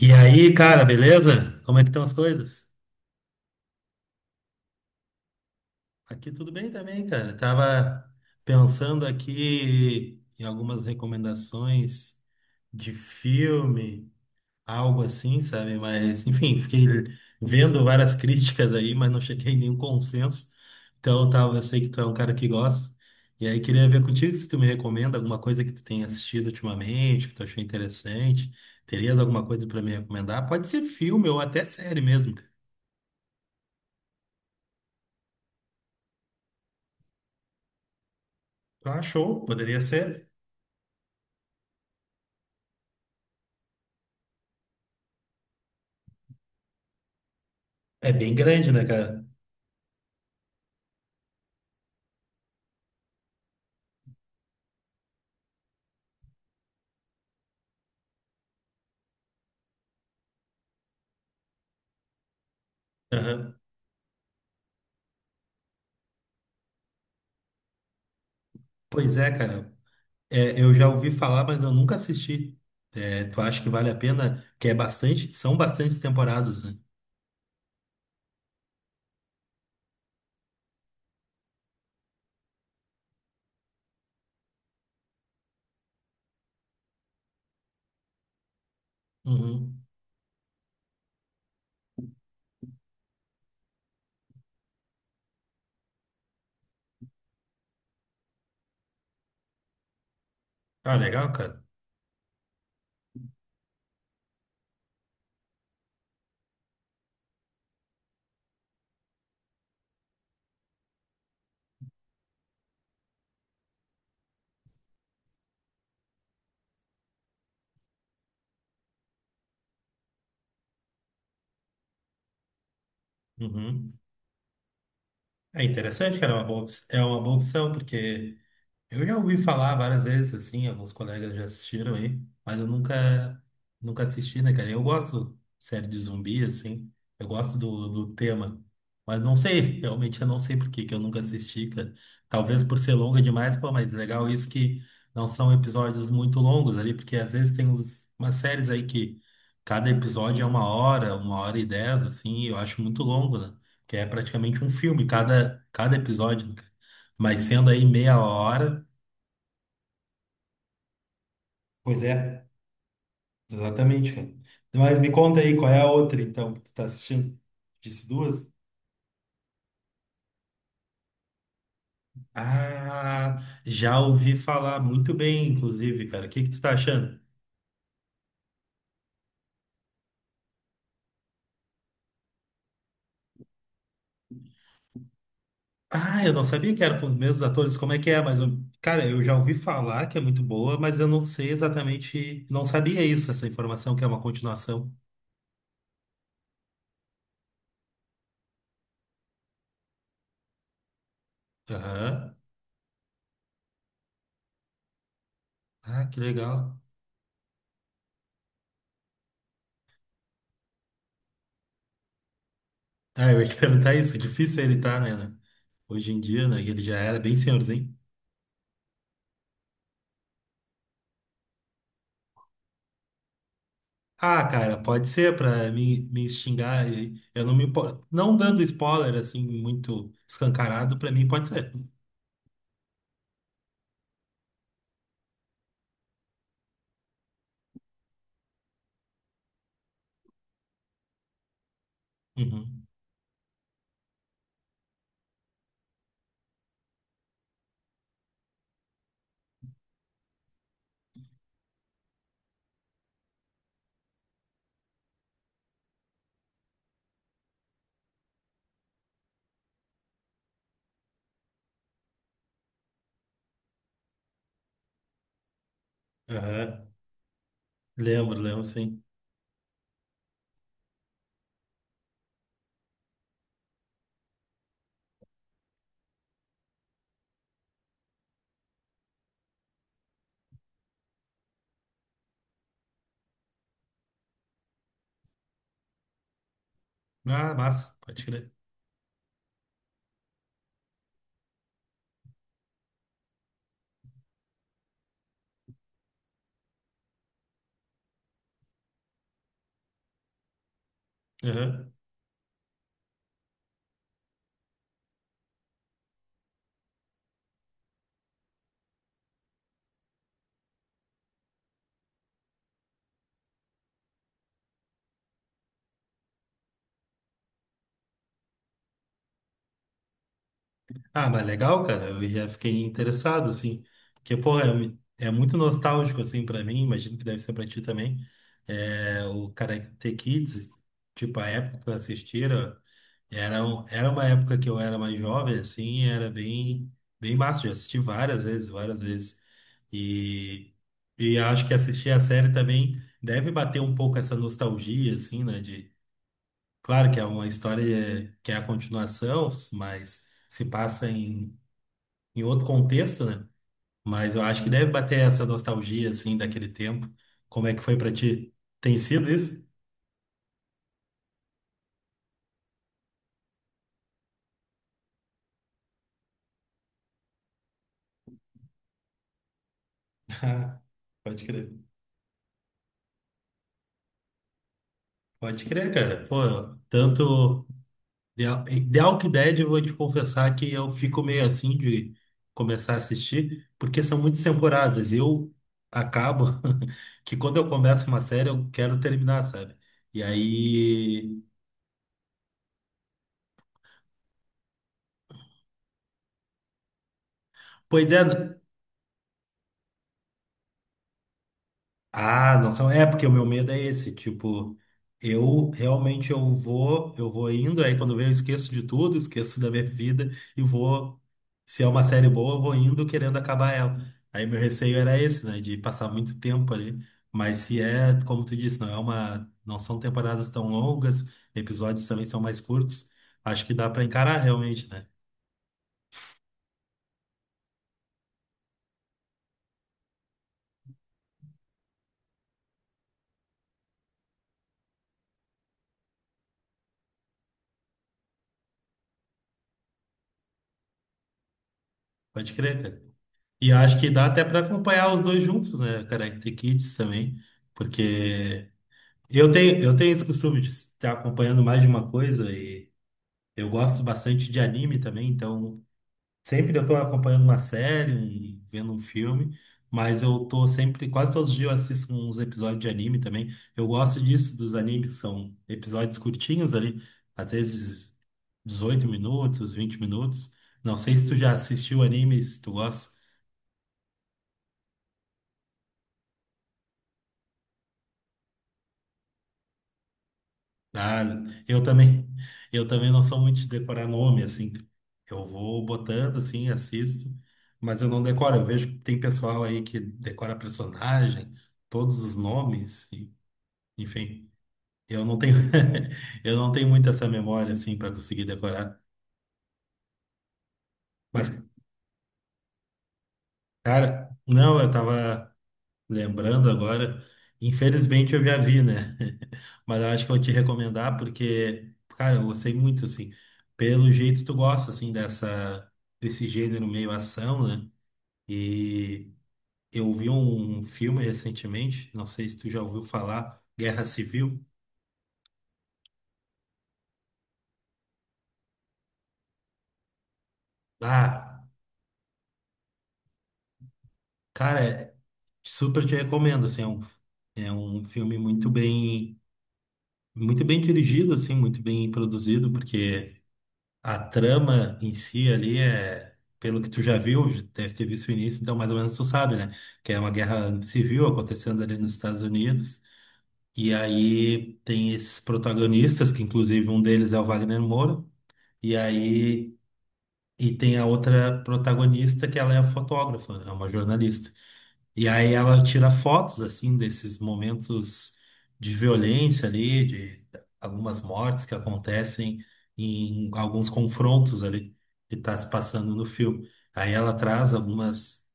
E aí, cara, beleza? Como é que estão as coisas? Aqui tudo bem também, cara. Tava pensando aqui em algumas recomendações de filme, algo assim, sabe? Mas, enfim, fiquei vendo várias críticas aí, mas não cheguei em nenhum consenso. Então, eu sei que tu é um cara que gosta. E aí, queria ver contigo se tu me recomenda alguma coisa que tu tenha assistido ultimamente, que tu achou interessante. Terias alguma coisa pra me recomendar? Pode ser filme ou até série mesmo, cara. Ah, show, poderia ser. É bem grande, né, cara? Aham. Pois é, cara. É, eu já ouvi falar, mas eu nunca assisti. É, tu acha que vale a pena? Que é bastante, são bastantes temporadas, né? Uhum. Ah, legal, cara. Uhum. É interessante, cara. É uma boa opção, porque eu já ouvi falar várias vezes, assim, alguns colegas já assistiram aí, mas eu nunca, nunca assisti, né, cara? Eu gosto de série de zumbi, assim, eu gosto do tema, mas não sei, realmente eu não sei por que que eu nunca assisti, cara. Talvez por ser longa demais, pô, mas legal isso que não são episódios muito longos ali, porque às vezes tem umas séries aí que cada episódio é uma hora e dez, assim, e eu acho muito longo, né? Que é praticamente um filme, cada episódio, né, cara? Mas sendo aí meia hora. Pois é, exatamente, cara. Mas me conta aí, qual é a outra, então, que tu tá assistindo? Disse duas? Ah, já ouvi falar muito bem, inclusive, cara. O que que tu tá achando? Ah, eu não sabia que era com os mesmos atores. Como é que é? Mas, cara, eu já ouvi falar que é muito boa, mas eu não sei exatamente. Não sabia isso, essa informação que é uma continuação. Aham. Ah, que legal. Ah, eu ia te perguntar isso. É difícil ele tá, né? Hoje em dia, né? Ele já era bem senhorzinho. Ah, cara, pode ser para me xingar. E eu não me impo- não dando spoiler assim muito escancarado, para mim pode ser. Uhum. Aham. Lembro, lembro, sim. Ah, massa, pode crer. Aham. Ah, mas legal, cara. Eu já fiquei interessado, assim. Porque, pô, é muito nostálgico, assim, pra mim. Imagino que deve ser pra ti também. É, o Karate Kids, tipo, a época que eu assistia. Era uma época que eu era mais jovem, assim, e era bem, bem massa. Eu assisti várias vezes, várias vezes. E, e acho que assistir a série também deve bater um pouco essa nostalgia, assim, né? Claro que é uma história que é a continuação, mas se passa em outro contexto, né? Mas eu acho que deve bater essa nostalgia, assim, daquele tempo. Como é que foi pra ti? Tem sido isso? Ah, pode crer. Pode crer, cara. Pô, tanto. The, The Walking Dead, eu vou te confessar que eu fico meio assim de começar a assistir, porque são muitas temporadas. E eu acabo que quando eu começo uma série, eu quero terminar, sabe? E aí. Pois é. Ah, não são. É, porque o meu medo é esse, tipo, eu realmente eu vou indo, aí quando vem eu esqueço de tudo, esqueço da minha vida e vou, se é uma série boa, eu vou indo querendo acabar ela. Aí meu receio era esse, né, de passar muito tempo ali. Mas se é, como tu disse, não são temporadas tão longas, episódios também são mais curtos, acho que dá pra encarar realmente, né? Pode crer, cara. E acho que dá até pra acompanhar os dois juntos, né, cara? Karate Kids também, porque eu tenho esse costume de estar acompanhando mais de uma coisa e eu gosto bastante de anime também, então sempre eu estou acompanhando uma série, vendo um filme, mas eu tô sempre, quase todos os dias eu assisto uns episódios de anime também. Eu gosto disso, dos animes, são episódios curtinhos ali, às vezes 18 minutos, 20 minutos. Não sei se tu já assistiu anime, se tu gosta. Ah, eu também, eu também não sou muito de decorar nome, assim. Eu vou botando, assim, assisto, mas eu não decoro. Eu vejo que tem pessoal aí que decora personagem, todos os nomes, enfim. Eu não tenho, eu não tenho muito essa memória, assim, para conseguir decorar. Mas, cara, não, eu tava lembrando agora, infelizmente eu já vi, né? Mas eu acho que eu vou te recomendar porque, cara, eu gostei muito, assim. Pelo jeito tu gosta, assim, dessa, desse gênero meio ação, né? E eu vi um filme recentemente, não sei se tu já ouviu falar, Guerra Civil. Ah, cara, super te recomendo, assim, é um filme muito bem dirigido, assim, muito bem produzido, porque a trama em si ali é, pelo que tu já viu, já deve ter visto o início, então mais ou menos tu sabe, né? Que é uma guerra civil acontecendo ali nos Estados Unidos. E aí tem esses protagonistas, que inclusive um deles é o Wagner Moura, e aí e tem a outra protagonista que ela é fotógrafa, é uma jornalista. E aí ela tira fotos assim desses momentos de violência ali, de algumas mortes que acontecem em alguns confrontos ali que está se passando no filme. Aí ela traz algumas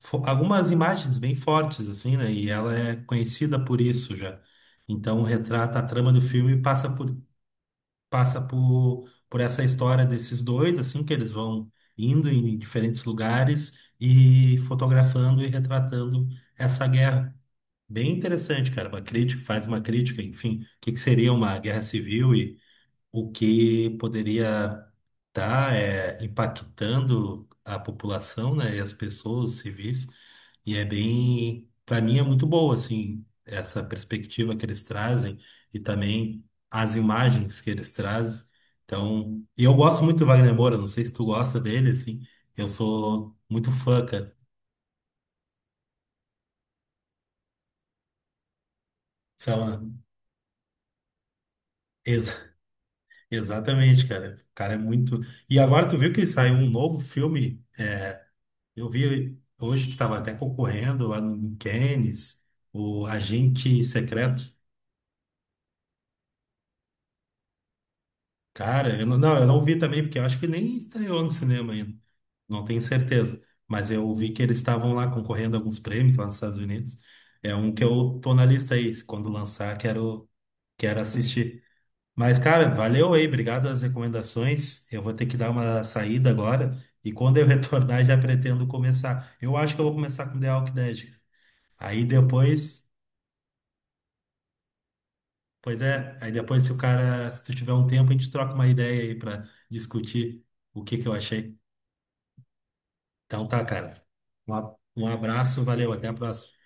algumas imagens bem fortes assim, né? E ela é conhecida por isso já. Então retrata a trama do filme e passa por essa história desses dois, assim, que eles vão indo em diferentes lugares e fotografando e retratando essa guerra. Bem interessante, cara. Uma crítica, faz uma crítica, enfim, o que que seria uma guerra civil, o que poderia estar impactando a população, né, e as pessoas, os civis, e é bem, para mim é muito boa, assim, essa perspectiva que eles trazem e também as imagens que eles trazem. Então, e eu gosto muito do Wagner Moura, não sei se tu gosta dele, assim, eu sou muito fã, cara. Sei lá, ex- exatamente, cara. O cara é muito. E agora tu viu que saiu um novo filme. Eu vi hoje que estava até concorrendo lá no Cannes, o Agente Secreto. Cara, eu não, não, eu não vi também, porque eu acho que nem estreou no cinema ainda. Não tenho certeza. Mas eu vi que eles estavam lá concorrendo a alguns prêmios lá nos Estados Unidos. É um que eu tô na lista aí. Se Quando lançar, quero assistir. Mas, cara, valeu aí. Obrigado as recomendações. Eu vou ter que dar uma saída agora. E quando eu retornar, já pretendo começar. Eu acho que eu vou começar com The Walking Dead. Aí depois. Pois é, aí depois se o cara, se tu tiver um tempo, a gente troca uma ideia aí pra discutir o que que eu achei. Então tá, cara. Um um abraço, valeu, até a próxima.